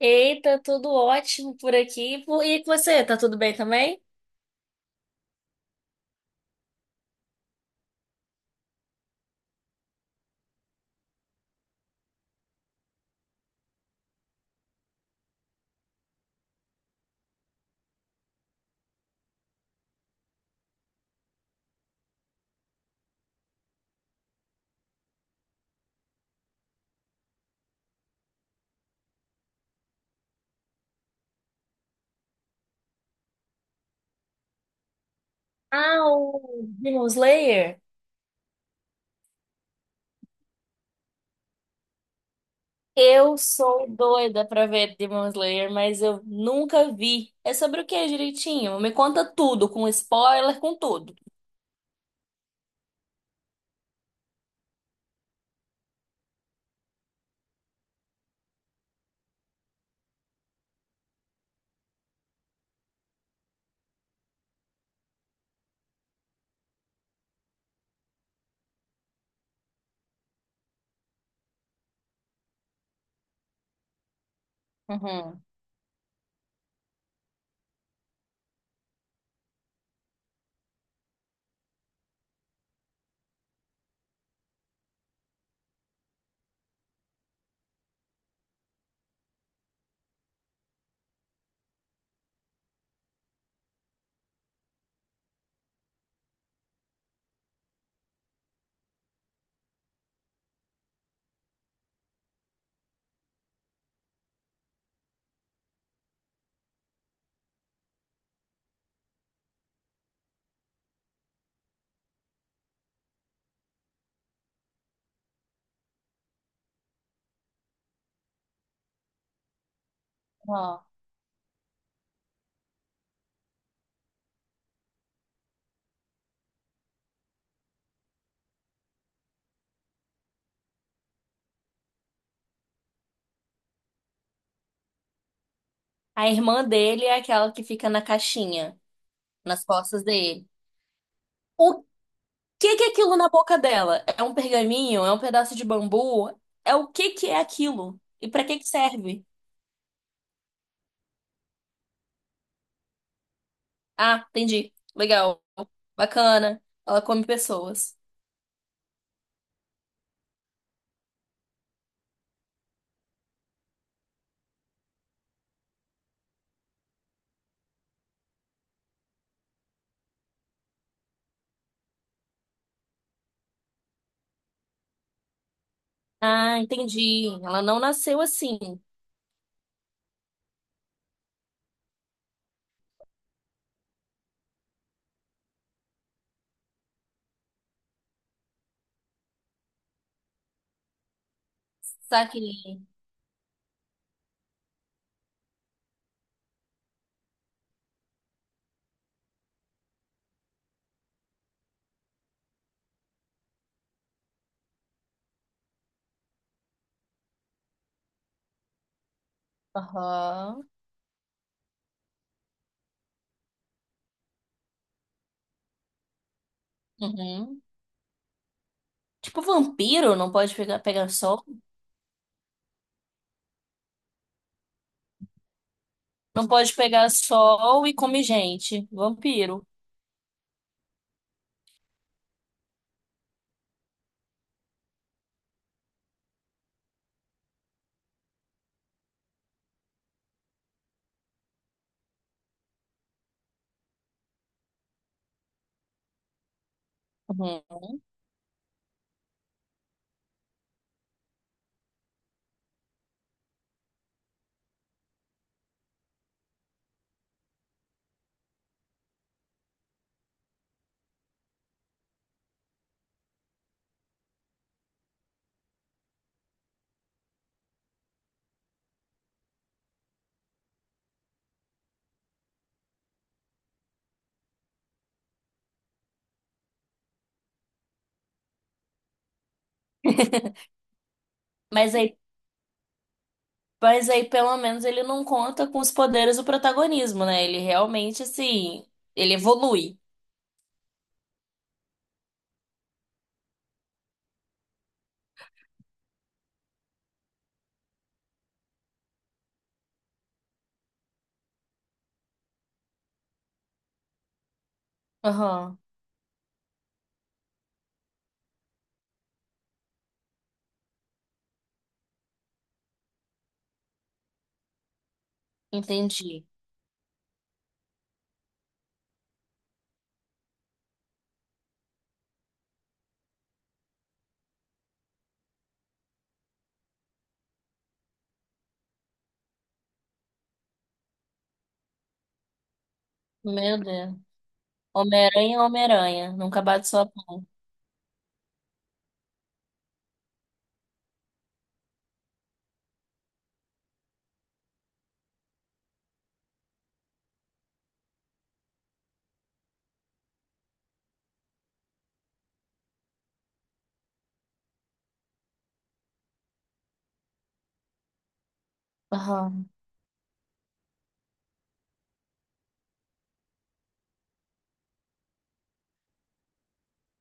Eita, tudo ótimo por aqui. E com você, tá tudo bem também? Ah, o Demon Slayer? Eu sou doida pra ver Demon Slayer, mas eu nunca vi. É sobre o que direitinho? Me conta tudo, com spoiler, com tudo. Uhum. Ó. A irmã dele é aquela que fica na caixinha, nas costas dele. O que que é aquilo na boca dela? É um pergaminho? É um pedaço de bambu? É o que que é aquilo? E pra que que serve? Ah, entendi. Legal. Bacana. Ela come pessoas. Ah, entendi. Ela não nasceu assim. Saque. Aham. Uhum. Tipo vampiro, não pode pegar, pegar sol. Não pode pegar sol e comer gente. Vampiro. Uhum. Mas aí, mas aí, pelo menos, ele não conta com os poderes do protagonismo, né? Ele realmente, assim, ele evolui. Aham. Entendi. Meu Deus. Homem-Aranha, é Homem-Aranha. Nunca bate sua.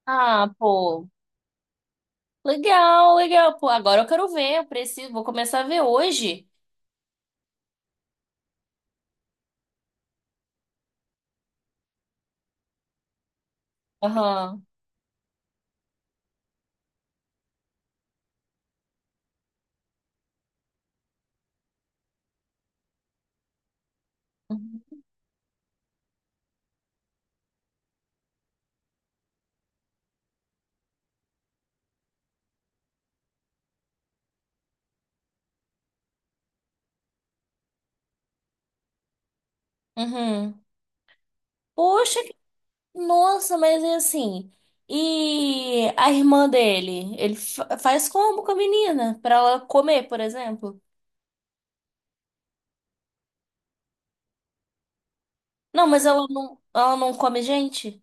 Ah, pô. Legal, legal. Pô, agora eu quero ver. Eu preciso, vou começar a ver hoje. Aham. Uhum. Poxa, que- nossa, mas é assim. E a irmã dele? Faz como com a menina? Pra ela comer, por exemplo? Não, mas ela não come gente?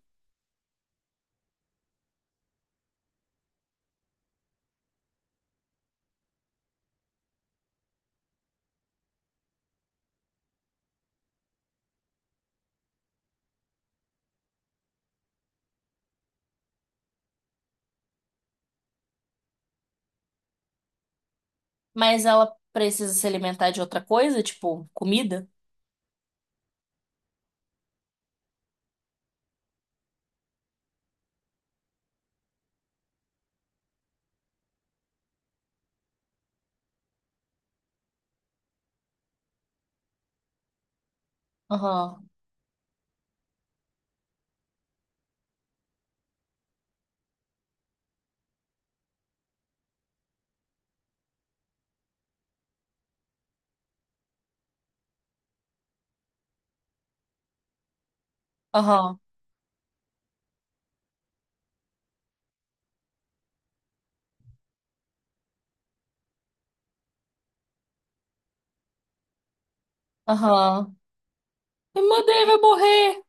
Mas ela precisa se alimentar de outra coisa, tipo comida? Aham, aham, aham. A irmã dele vai morrer.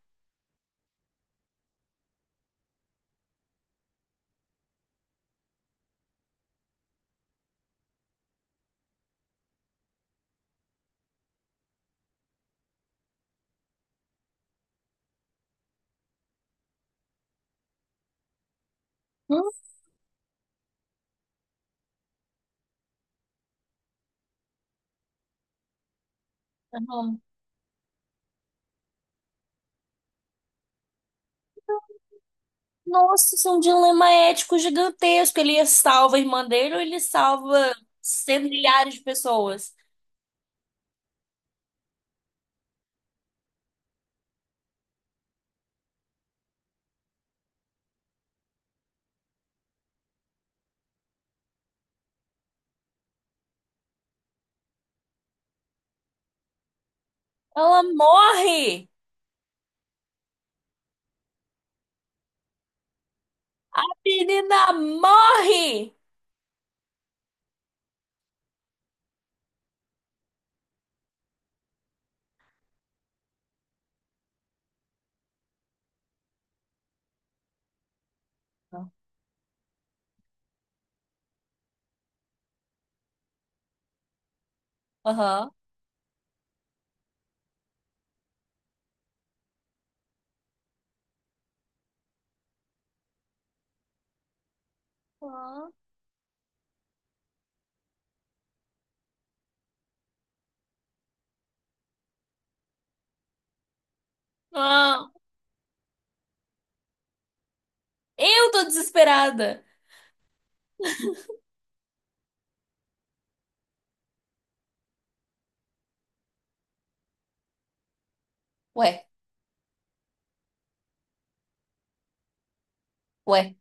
Hum? Nossa, isso é um dilema ético gigantesco. Ele salva a irmã dele, ou ele salva cem milhares de pessoas? Ela morre! A menina morre! Aham. Aham. Ah, eu tô desesperada. Ué, ué,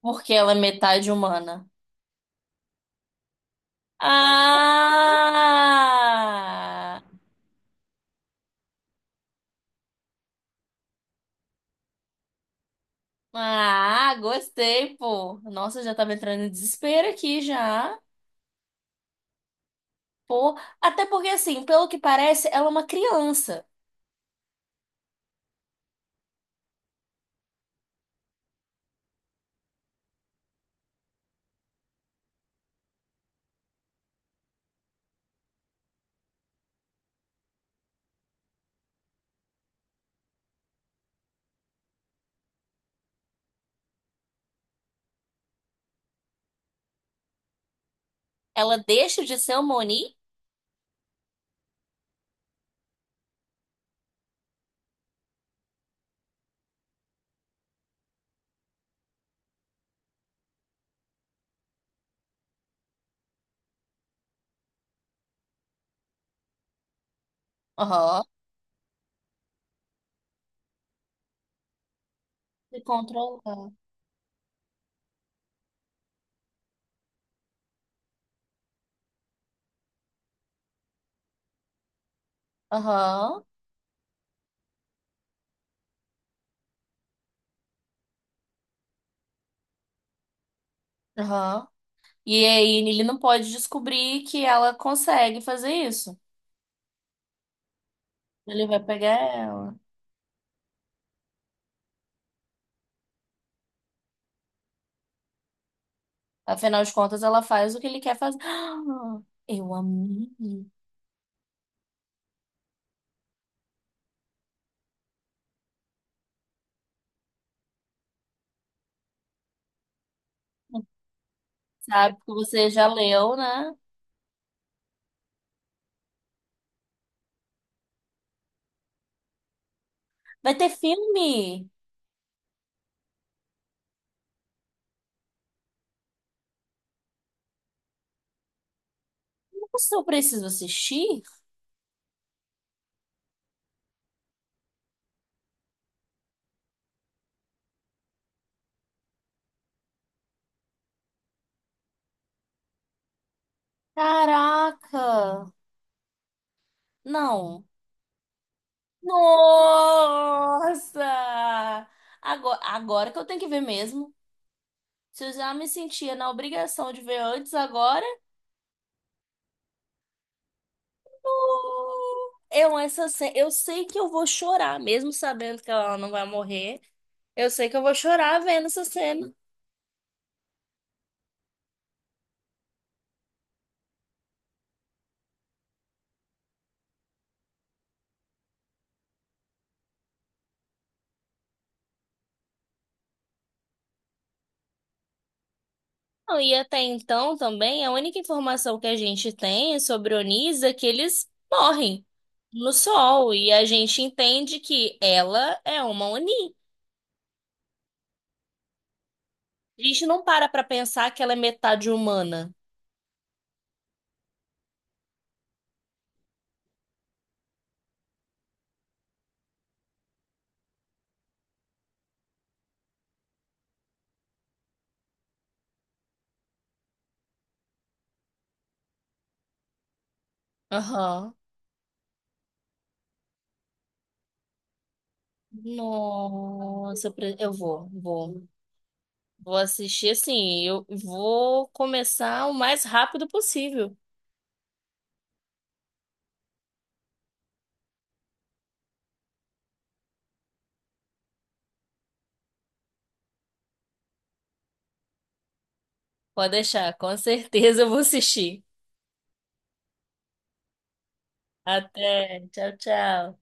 porque ela é metade humana. Ah! Ah, gostei, pô. Nossa, já tava entrando em desespero aqui já. Pô, até porque assim, pelo que parece, ela é uma criança. Ela deixa de ser uma Oni? Aham. De controlar. Aham. Aham. E aí ele não pode descobrir que ela consegue fazer isso. Ele vai pegar ela. Afinal de contas, ela faz o que ele quer fazer. Ah, eu amei. Sabe que você já leu, né? Vai ter filme. Nossa, eu preciso assistir? Caraca. Não. Nossa! Agora que eu tenho que ver mesmo. Se eu já me sentia na obrigação de ver antes, agora. Eu sei que eu vou chorar, mesmo sabendo que ela não vai morrer. Eu sei que eu vou chorar vendo essa cena. Não, e até então também, a única informação que a gente tem é sobre Onis é que eles morrem no sol. E a gente entende que ela é uma Oni. A gente não para pra pensar que ela é metade humana. Aham. Nossa, eu pre- eu vou, vou. Vou assistir assim, eu vou começar o mais rápido possível. Pode deixar, com certeza eu vou assistir. Até, tchau, tchau.